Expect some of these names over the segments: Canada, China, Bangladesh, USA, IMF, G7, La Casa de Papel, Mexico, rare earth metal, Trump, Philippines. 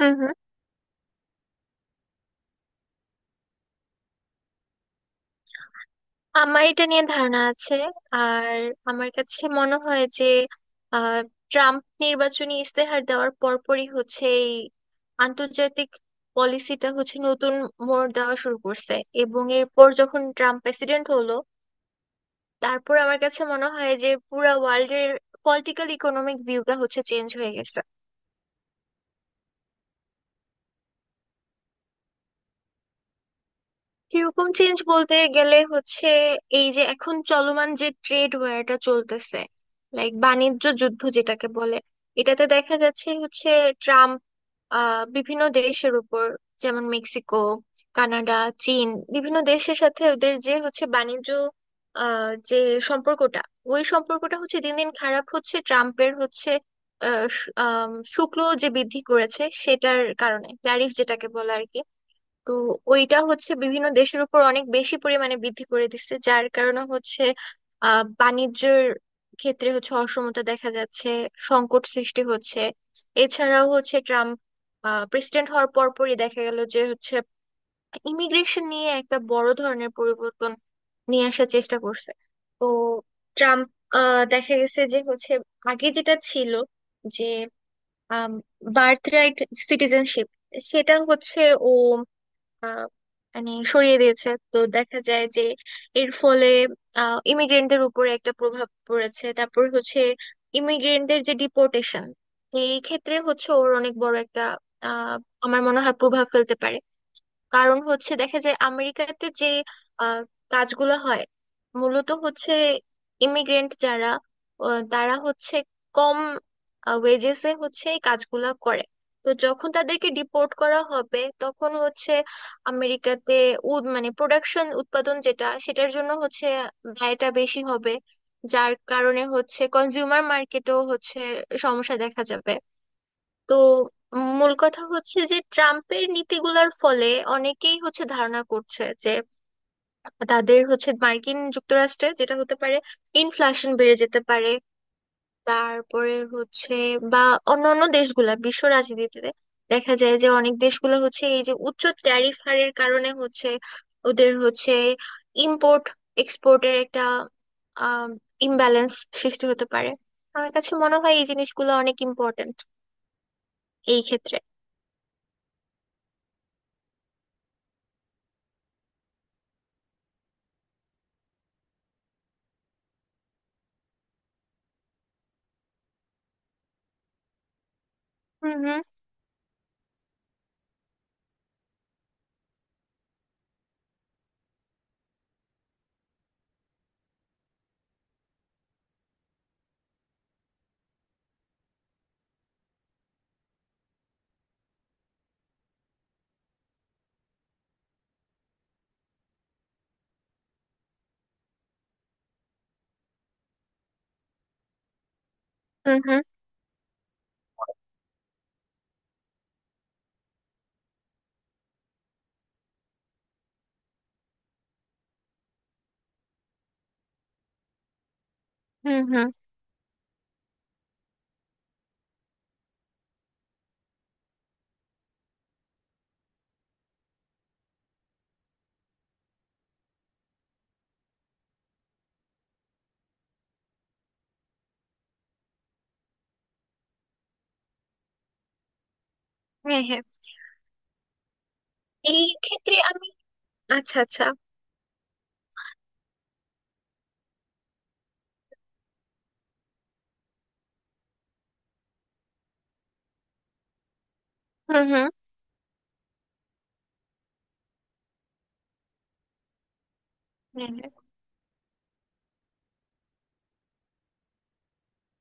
হুম হুম. আমার এটা নিয়ে ধারণা আছে। আর আমার কাছে মনে হয় যে আহ, ট্রাম্প নির্বাচনী ইস্তেহার দেওয়ার পরপরই হচ্ছে এই আন্তর্জাতিক পলিসিটা হচ্ছে নতুন মোড় দেওয়া শুরু করছে। এবং এরপর যখন ট্রাম্প প্রেসিডেন্ট হলো তারপর আমার কাছে মনে হয় যে পুরা ওয়ার্ল্ডের পলিটিক্যাল ইকোনমিক ভিউটা হচ্ছে চেঞ্জ হয়ে গেছে। কিরকম চেঞ্জ বলতে গেলে হচ্ছে এই যে এখন চলমান যে ট্রেড ওয়ারটা চলতেছে, লাইক বাণিজ্য যুদ্ধ যেটাকে বলে। এটাতে দেখা যাচ্ছে হচ্ছে ট্রাম্প বিভিন্ন দেশের উপর, যেমন মেক্সিকো, কানাডা, চীন, বিভিন্ন দেশের সাথে ওদের যে হচ্ছে বাণিজ্য যে সম্পর্কটা, ওই সম্পর্কটা হচ্ছে দিন দিন খারাপ হচ্ছে। ট্রাম্পের হচ্ছে শুল্ক যে বৃদ্ধি করেছে সেটার কারণে, ট্যারিফ যেটাকে বলে আর কি। তো ওইটা হচ্ছে বিভিন্ন দেশের উপর অনেক বেশি পরিমাণে বৃদ্ধি করে দিচ্ছে যার কারণে হচ্ছে বাণিজ্যের ক্ষেত্রে হচ্ছে অসমতা দেখা যাচ্ছে, সংকট সৃষ্টি হচ্ছে। এছাড়াও হচ্ছে ট্রাম্প প্রেসিডেন্ট হওয়ার পরপরই দেখা গেল যে হচ্ছে ইমিগ্রেশন নিয়ে একটা বড় ধরনের পরিবর্তন নিয়ে আসার চেষ্টা করছে। তো ট্রাম্প দেখা গেছে যে হচ্ছে আগে যেটা ছিল যে বার্থ রাইট সিটিজেনশিপ সেটা হচ্ছে ও আহ, মানে সরিয়ে দিয়েছে। তো দেখা যায় যে এর ফলে ইমিগ্রেন্টদের উপরে একটা প্রভাব পড়েছে। তারপর হচ্ছে ইমিগ্রেন্টদের যে ডিপোর্টেশন এই ক্ষেত্রে হচ্ছে ওর অনেক বড় একটা আহ আমার মনে হয় প্রভাব ফেলতে পারে। কারণ হচ্ছে দেখা যায় আমেরিকাতে যে আহ, কাজগুলো হয় মূলত হচ্ছে ইমিগ্রেন্ট যারা, তারা হচ্ছে কম ওয়েজেসে হচ্ছে এই কাজগুলা করে। তো যখন তাদেরকে ডিপোর্ট করা হবে তখন হচ্ছে আমেরিকাতে উদ মানে প্রোডাকশন উৎপাদন যেটা সেটার জন্য হচ্ছে ব্যয়টা বেশি হবে, যার কারণে হচ্ছে কনজিউমার মার্কেটেও হচ্ছে সমস্যা দেখা যাবে। তো মূল কথা হচ্ছে যে ট্রাম্পের নীতিগুলোর ফলে অনেকেই হচ্ছে ধারণা করছে যে তাদের হচ্ছে মার্কিন যুক্তরাষ্ট্রে যেটা হতে পারে ইনফ্লেশন বেড়ে যেতে পারে। তারপরে হচ্ছে বা অন্যান্য দেশগুলা বিশ্ব রাজনীতিতে দেখা যায় যে অনেক দেশগুলো হচ্ছে এই যে উচ্চ ট্যারিফ হারের কারণে হচ্ছে ওদের হচ্ছে ইম্পোর্ট এক্সপোর্টের একটা আহ ইমব্যালেন্স সৃষ্টি হতে পারে। আমার কাছে মনে হয় এই জিনিসগুলো অনেক ইম্পর্ট্যান্ট এই ক্ষেত্রে। হুম হুম হুম হুম হুম হুম। হ্যাঁ, হ্যাঁ। এই ক্ষেত্রে আমি আচ্ছা আচ্ছা। হুম হুম। হ্যাঁ, হ্যাঁ।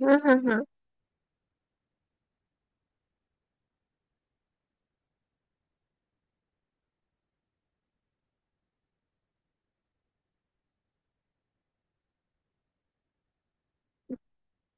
হুম হুম হুম।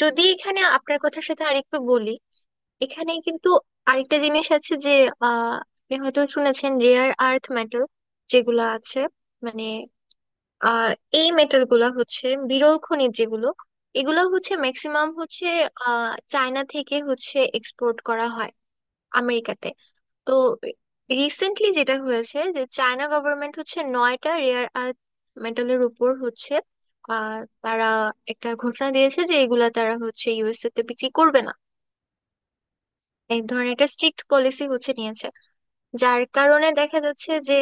যদি এখানে আপনার কথার সাথে আরেকটু বলি, এখানে কিন্তু আরেকটা জিনিস আছে যে আহ আপনি হয়তো শুনেছেন রেয়ার আর্থ মেটাল যেগুলা আছে, মানে আহ এই মেটাল গুলা হচ্ছে বিরল খনিজ যেগুলো, এগুলো হচ্ছে ম্যাক্সিমাম হচ্ছে চায়না থেকে হচ্ছে এক্সপোর্ট করা হয় আমেরিকাতে। তো রিসেন্টলি যেটা হয়েছে যে চায়না গভর্নমেন্ট হচ্ছে 9টা রেয়ার আর্থ মেটালের উপর হচ্ছে আহ, তারা একটা ঘোষণা দিয়েছে যে এগুলা তারা হচ্ছে USA তে বিক্রি করবে না। এক ধরনের একটা স্ট্রিক্ট পলিসি হচ্ছে নিয়েছে, যার কারণে দেখা যাচ্ছে যে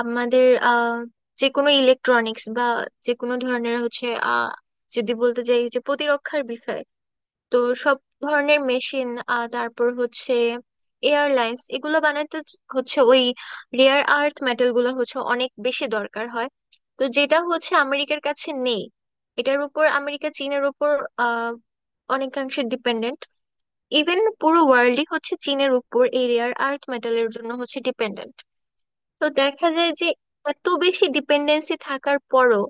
আমাদের যে কোনো ইলেকট্রনিক্স বা যে কোনো ধরনের হচ্ছে আহ যদি বলতে যাই যে প্রতিরক্ষার বিষয়, তো সব ধরনের মেশিন, তারপর হচ্ছে এয়ারলাইন্স, এগুলো বানাতে হচ্ছে ওই রেয়ার আর্থ মেটাল গুলো হচ্ছে অনেক বেশি দরকার হয়। তো যেটা হচ্ছে আমেরিকার কাছে নেই, এটার উপর আমেরিকা চীনের উপর আহ অনেকাংশে ডিপেন্ডেন্ট। ইভেন পুরো ওয়ার্ল্ডই হচ্ছে চীনের উপর এই রেয়ার আর্থ মেটালের জন্য হচ্ছে ডিপেন্ডেন্ট। তো দেখা যায় যে এত বেশি ডিপেন্ডেন্সি থাকার পরও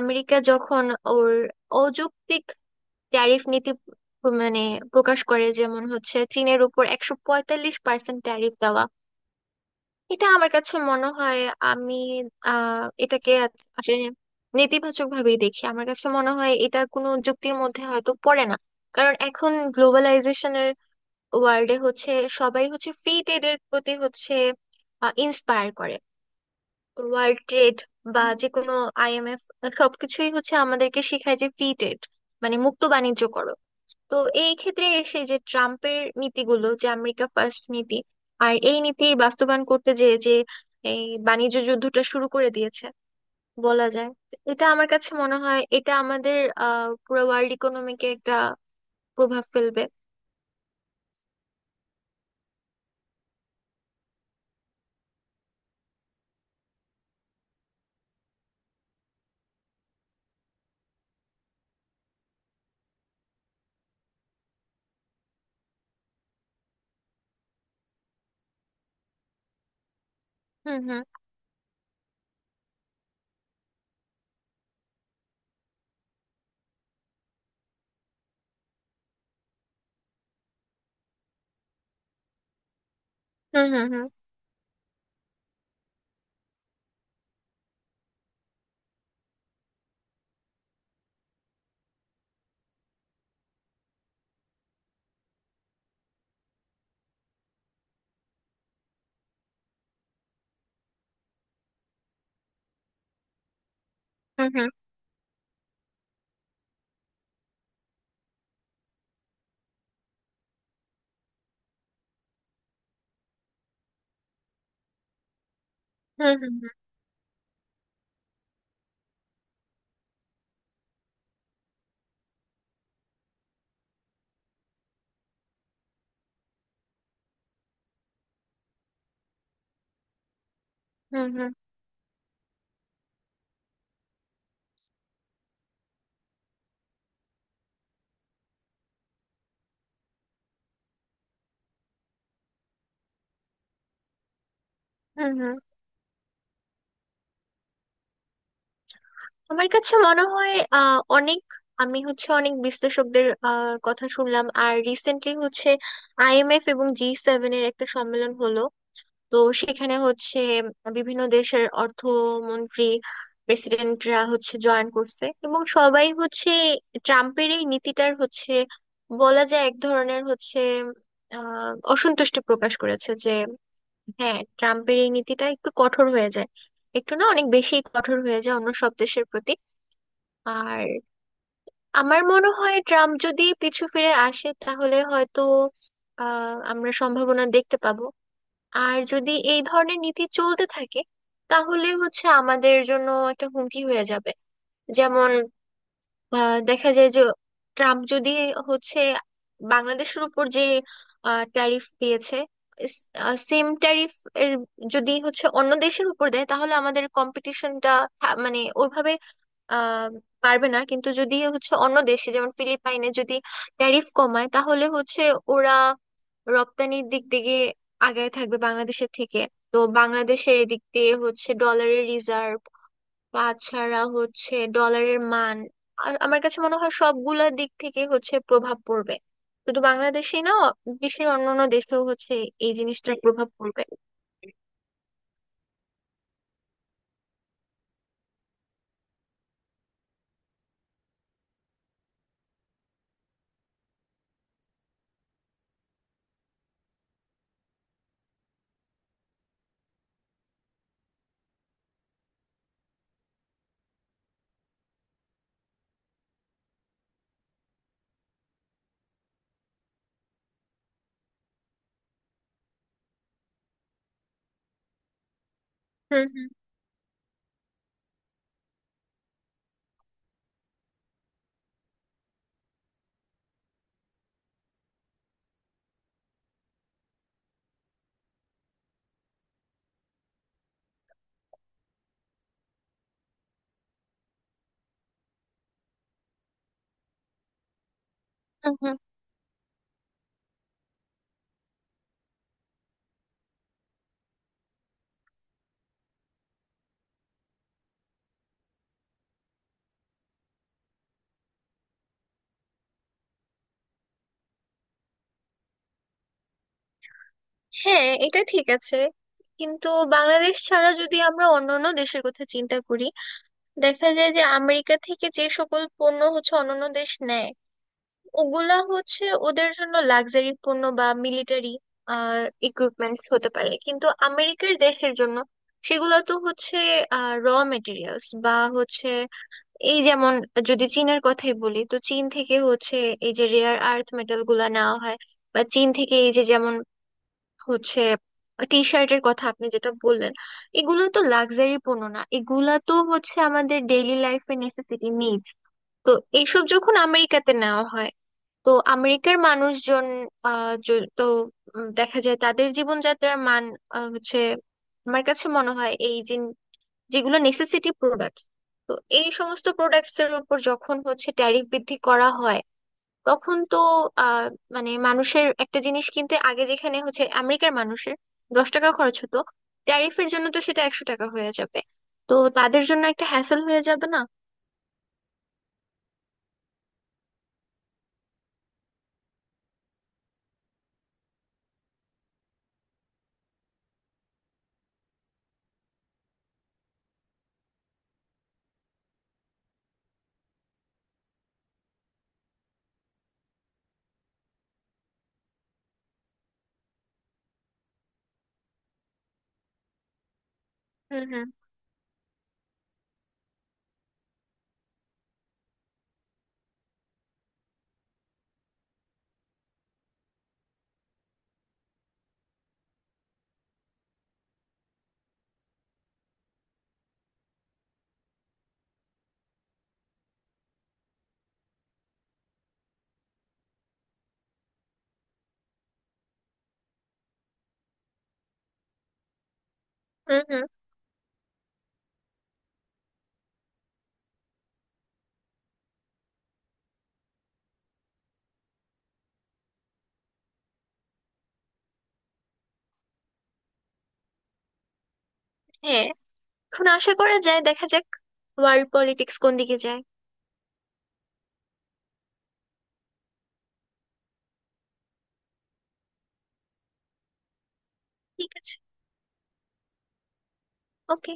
আমেরিকা যখন ওর অযৌক্তিক ট্যারিফ নীতি মানে প্রকাশ করে, যেমন হচ্ছে চীনের উপর 145% ট্যারিফ দেওয়া, এটা আমার কাছে মনে হয়, আমি এটাকে আসলে নেতিবাচক ভাবেই দেখি। আমার কাছে মনে হয় এটা কোনো যুক্তির মধ্যে হয়তো পড়ে না। কারণ এখন গ্লোবালাইজেশনের ওয়ার্ল্ডে হচ্ছে সবাই হচ্ছে ফ্রি ট্রেডের প্রতি হচ্ছে ইন্সপায়ার করে। ওয়ার্ল্ড ট্রেড বা যে কোনো IMF সবকিছুই হচ্ছে আমাদেরকে শেখায় যে ফ্রি ট্রেড মানে মুক্ত বাণিজ্য করো। তো এই ক্ষেত্রে এসে যে ট্রাম্পের নীতিগুলো, যে আমেরিকা ফার্স্ট নীতি, আর এই নীতি বাস্তবায়ন করতে যে যে এই বাণিজ্য যুদ্ধটা শুরু করে দিয়েছে বলা যায়, এটা আমার কাছে মনে হয় এটা আমাদের পুরো ওয়ার্ল্ড ইকোনমিকে একটা প্রভাব ফেলবে। হুম হুম হুম হুম হুম হুম হুম হুম হুম হুম হুম হুম। আমার কাছে মনে হয় অনেক, আমি হচ্ছে অনেক বিশ্লেষকদের কথা শুনলাম। আর রিসেন্টলি হচ্ছে IMF এবং G7 এর একটা সম্মেলন হলো। তো সেখানে হচ্ছে বিভিন্ন দেশের অর্থমন্ত্রী প্রেসিডেন্টরা হচ্ছে জয়েন করছে এবং সবাই হচ্ছে ট্রাম্পের এই নীতিটার হচ্ছে বলা যায় এক ধরনের হচ্ছে অসন্তুষ্টি প্রকাশ করেছে যে, হ্যাঁ ট্রাম্পের এই নীতিটা একটু কঠোর হয়ে যায়, একটু না অনেক বেশি কঠোর হয়ে যায় অন্য সব দেশের প্রতি। আর আমার মনে হয় ট্রাম্প যদি পিছু ফিরে আসে তাহলে হয়তো আমরা সম্ভাবনা দেখতে পাবো। আর যদি এই ধরনের নীতি চলতে থাকে তাহলে হচ্ছে আমাদের জন্য একটা হুমকি হয়ে যাবে। যেমন দেখা যায় যে ট্রাম্প যদি হচ্ছে বাংলাদেশের উপর যে ট্যারিফ দিয়েছে সেম ট্যারিফ এর যদি হচ্ছে অন্য দেশের উপর দেয় তাহলে আমাদের কম্পিটিশনটা মানে ওইভাবে আহ পারবে না। কিন্তু যদি হচ্ছে অন্য দেশে যেমন ফিলিপাইনে যদি ট্যারিফ কমায় তাহলে হচ্ছে ওরা রপ্তানির দিক থেকে আগায় থাকবে বাংলাদেশের থেকে। তো বাংলাদেশের এদিক দিয়ে হচ্ছে ডলারের রিজার্ভ, তাছাড়া হচ্ছে ডলারের মান, আর আমার কাছে মনে হয় সবগুলা দিক থেকে হচ্ছে প্রভাব পড়বে, শুধু বাংলাদেশে না, বিশ্বের অন্যান্য দেশেও হচ্ছে এই জিনিসটার প্রভাব পড়বে। হুম হুম হুম হুম। হ্যাঁ, এটা ঠিক আছে। কিন্তু বাংলাদেশ ছাড়া যদি আমরা অন্যান্য দেশের কথা চিন্তা করি, দেখা যায় যে আমেরিকা থেকে যে সকল পণ্য হচ্ছে অন্যান্য দেশ নেয়, ওগুলা হচ্ছে ওদের জন্য লাক্সারি পণ্য বা মিলিটারি ইকুইপমেন্টস হতে পারে। কিন্তু আমেরিকার দেশের জন্য সেগুলো তো হচ্ছে র মেটেরিয়ালস বা হচ্ছে এই যেমন, যদি চীনের কথাই বলি, তো চীন থেকে হচ্ছে এই যে রেয়ার আর্থ মেটাল গুলা নেওয়া হয়, বা চীন থেকে এই যে যেমন হচ্ছে টি শার্টের কথা আপনি যেটা বললেন, এগুলো তো লাক্সারি পণ্য না, এগুলা তো হচ্ছে আমাদের ডেইলি লাইফে নেসেসিটি নিড। তো এইসব যখন আমেরিকাতে নেওয়া হয় তো আমেরিকার মানুষজন আহ য- তো দেখা যায় তাদের জীবনযাত্রার মান হচ্ছে আমার কাছে মনে হয় এই যে যেগুলো নেসেসিটি প্রোডাক্ট, তো এই সমস্ত প্রোডাক্টস এর উপর যখন হচ্ছে ট্যারিফ বৃদ্ধি করা হয় তখন তো আহ মানে মানুষের একটা জিনিস কিনতে আগে যেখানে হচ্ছে আমেরিকার মানুষের 10 টাকা খরচ হতো, ট্যারিফের জন্য তো সেটা 100 টাকা হয়ে যাবে। তো তাদের জন্য একটা হ্যাসেল হয়ে যাবে না? হুম হুম হুম হুম। হ্যাঁ, এখন আশা করা যায় দেখা যাক ওয়ার্ল্ড পলিটিক্স কোন দিকে যায়। ঠিক আছে। ওকে।